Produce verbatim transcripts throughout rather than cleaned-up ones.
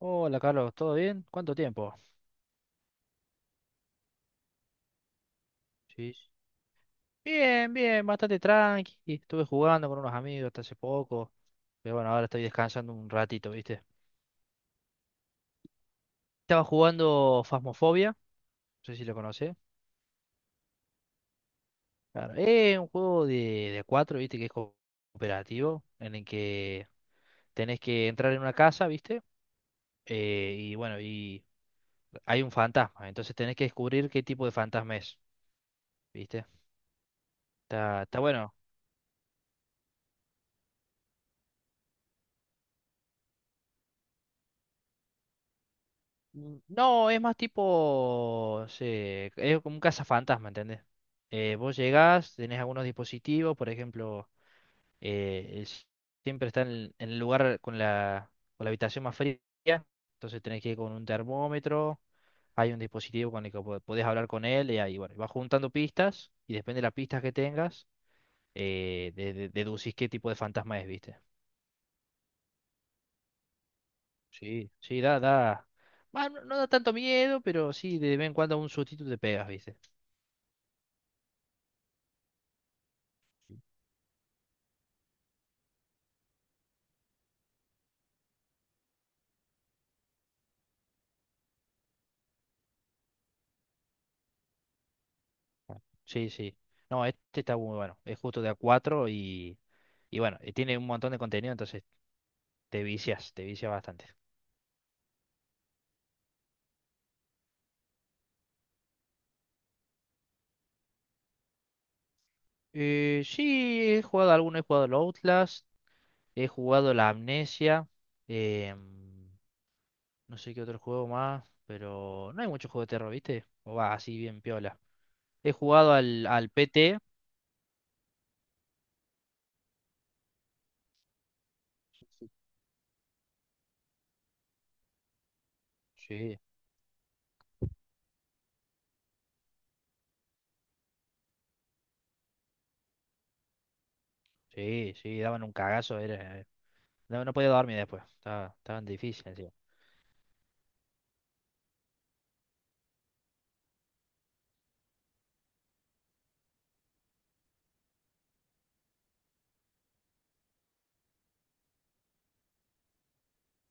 Hola Carlos, ¿todo bien? ¿Cuánto tiempo? Sí, sí. Bien, bien, bastante tranqui. Estuve jugando con unos amigos hasta hace poco. Pero bueno, ahora estoy descansando un ratito, ¿viste? Estaba jugando Phasmophobia, no sé si lo conocés. Claro, es un juego de, de cuatro, ¿viste? Que es co- cooperativo, en el que tenés que entrar en una casa, ¿viste? Eh, y bueno, y hay un fantasma, entonces tenés que descubrir qué tipo de fantasma es, ¿viste? Está, está bueno. Mm, No, es más tipo. Se- es como un cazafantasma, ¿entendés? Eh, vos llegás, tenés algunos dispositivos, por ejemplo, eh, es- siempre está en, el en el lugar con la, con la habitación más fría, entonces tenés que ir con un termómetro, hay un dispositivo con el que po- podés hablar con él, y ahí, bueno, vas juntando pistas, y depende de las pistas que tengas, eh, de- de- deducís qué tipo de fantasma es, ¿viste? Sí, sí, da, da. Bueno no, no da tanto miedo, pero sí, de vez en cuando un sustito te pegas, ¿viste? Sí, sí. No, este está muy bueno. Es justo de a cuatro y, y bueno, y tiene un montón de contenido, entonces te vicias, te vicias bastante. Eh, sí, he jugado alguno, he jugado el Outlast, he jugado la Amnesia, em, no sé qué otro juego más, pero no hay mucho juego de terror, ¿viste? O va así bien piola. He jugado al, al P T. Sí, sí, sí, daban un cagazo, era, no, no podía dormir después, estaba, estaban difíciles, encima.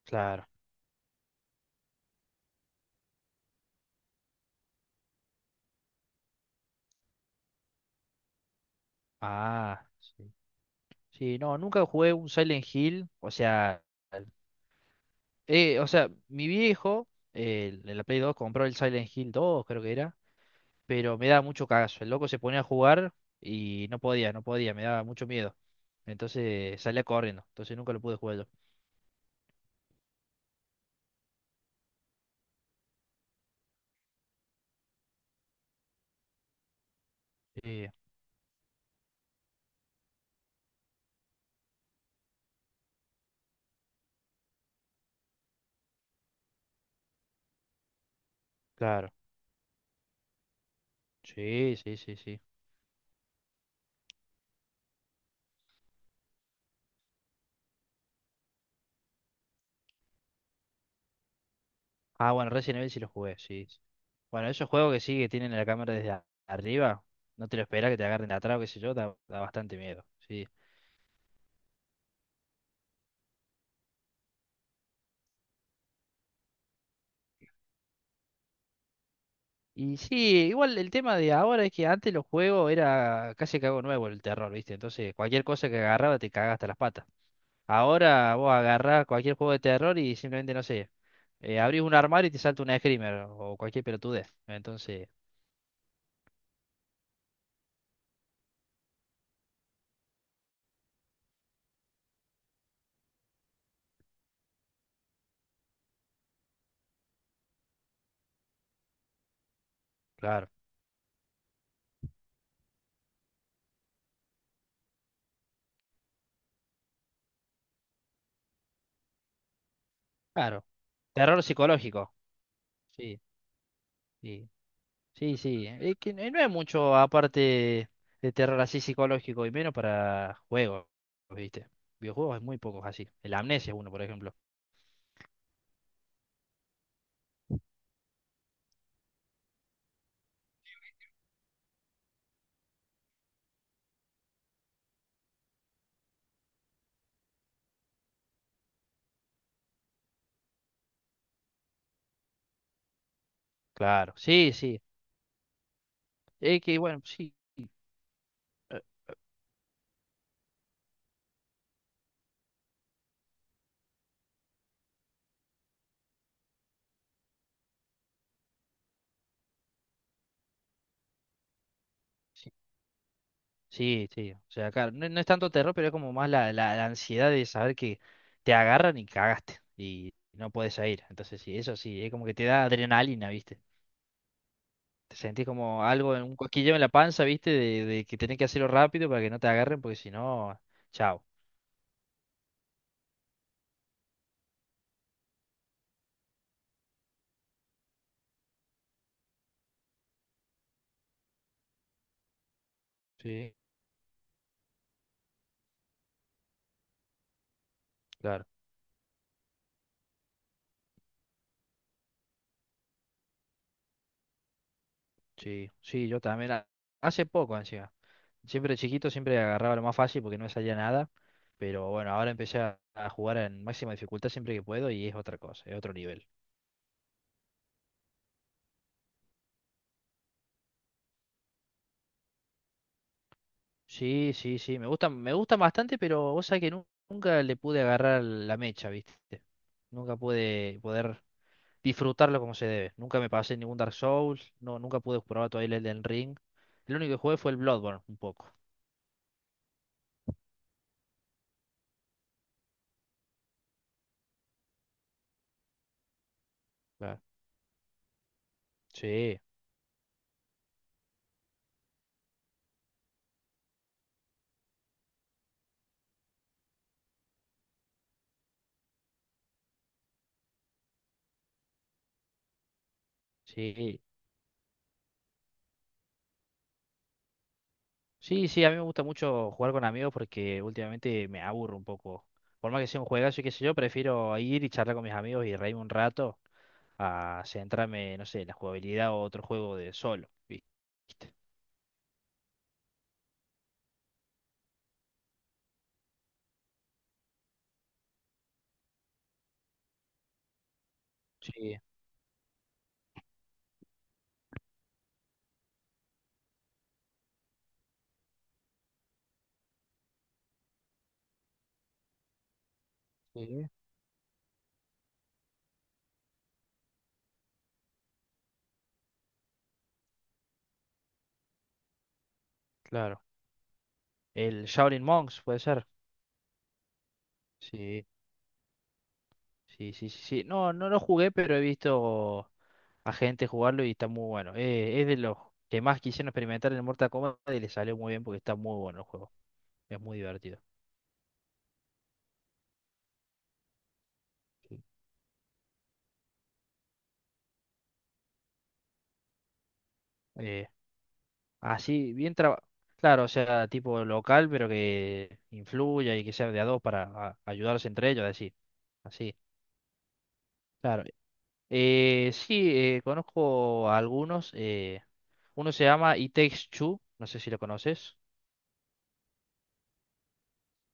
Claro. Ah, sí. Sí, no, nunca jugué un Silent Hill. O sea, eh, o sea, mi viejo, eh, en la Play dos, compró el Silent Hill dos, creo que era. Pero me daba mucho cagazo. El loco se ponía a jugar y no podía, no podía, me daba mucho miedo. Entonces salía corriendo. Entonces nunca lo pude jugar yo. Sí, claro. Sí, sí, sí, sí. Ah, bueno, Resident Evil sí lo jugué, sí, sí. Bueno, esos juegos que sí, que tienen la cámara desde a- arriba, no te lo esperas que te agarren de atrás o qué sé yo, da, da bastante miedo. Sí, y sí, igual el tema de ahora es que antes los juegos era casi que algo nuevo el terror, ¿viste? Entonces cualquier cosa que agarraba te cagaba hasta las patas. Ahora vos agarrás cualquier juego de terror y simplemente, no sé, eh, abrís un armario y te salta un screamer o cualquier pelotudez. Entonces, claro, claro. Terror psicológico. Sí, sí, sí, sí. Es que no hay mucho aparte de terror así psicológico y menos para juegos, ¿viste? Videojuegos hay muy pocos así. El Amnesia es uno, por ejemplo. Claro, sí, sí. Es que bueno, sí, eh, sí, sí, sí. O sea, claro, no, no es tanto terror, pero es como más la, la, la ansiedad de saber que te agarran y cagaste y no puedes salir. Entonces, sí, eso sí, es como que te da adrenalina, ¿viste? Te sentís como algo, en un cosquilleo en la panza, ¿viste? De, de que tenés que hacerlo rápido para que no te agarren, porque si no, chao. Sí, claro, sí, sí, yo también. a- Hace poco, así. Siempre chiquito, siempre agarraba lo más fácil porque no me salía nada. Pero bueno, ahora empecé a, a jugar en máxima dificultad siempre que puedo y es otra cosa, es otro nivel. Sí, sí, sí, me gustan, me gustan bastante, pero vos sabés que nu- nunca le pude agarrar la mecha, ¿viste? Nunca pude poder disfrutarlo como se debe. Nunca me pasé ningún Dark Souls, no, nunca pude probar todavía el Elden Ring. El único que jugué fue el Bloodborne, un poco. Claro. Sí, sí. Sí, sí, a mí me gusta mucho jugar con amigos porque últimamente me aburro un poco. Por más que sea un juegazo y qué sé yo, prefiero ir y charlar con mis amigos y reírme un rato a centrarme, no sé, en la jugabilidad o otro juego de solo, ¿viste? Sí, sí, claro. El Shaolin Monks, puede ser. Sí, sí, sí, sí, sí. No, no lo jugué, pero he visto a gente jugarlo y está muy bueno. Eh, es de los que más quisieron experimentar en el Mortal Kombat y le salió muy bien porque está muy bueno el juego. Es muy divertido. Sí. Así, bien trabajado. Claro, o sea, tipo local, pero que influya y que sea de a dos para a- ayudarse entre ellos, así. Así, claro. Eh, sí, eh, conozco a algunos. Eh, uno se llama It Takes Two, no sé si lo conoces.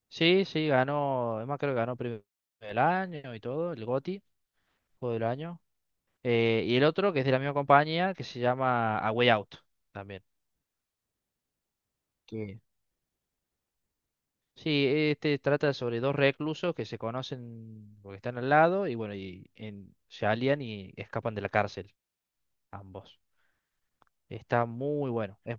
Sí, sí, ganó, además creo que ganó premio del año y todo, el GOTY, juego del año. Eh, y el otro, que es de la misma compañía, que se llama A Way Out, también. Que sí, este trata sobre dos reclusos que se conocen porque están al lado y bueno, y en- se alían y escapan de la cárcel, ambos. Está muy bueno, es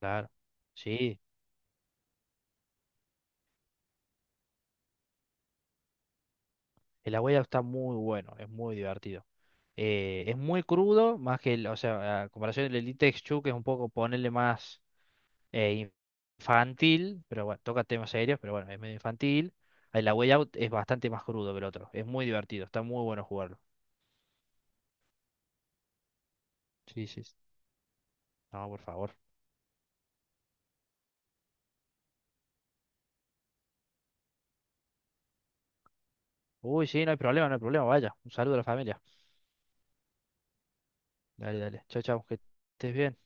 claro. Sí, el abuelo está muy bueno, es muy divertido. Eh, es muy crudo, más que, el- o sea, a comparación del Elite Exchu, que es un poco ponerle más eh, infantil, pero bueno, toca temas serios, pero bueno, es medio infantil. El la Way Out es bastante más crudo que el otro, es muy divertido, está muy bueno jugarlo. Sí, sí, sí. No, por favor. Uy, sí, no hay problema, no hay problema, vaya. Un saludo a la familia. Dale, dale. Chao, chao, que estés bien.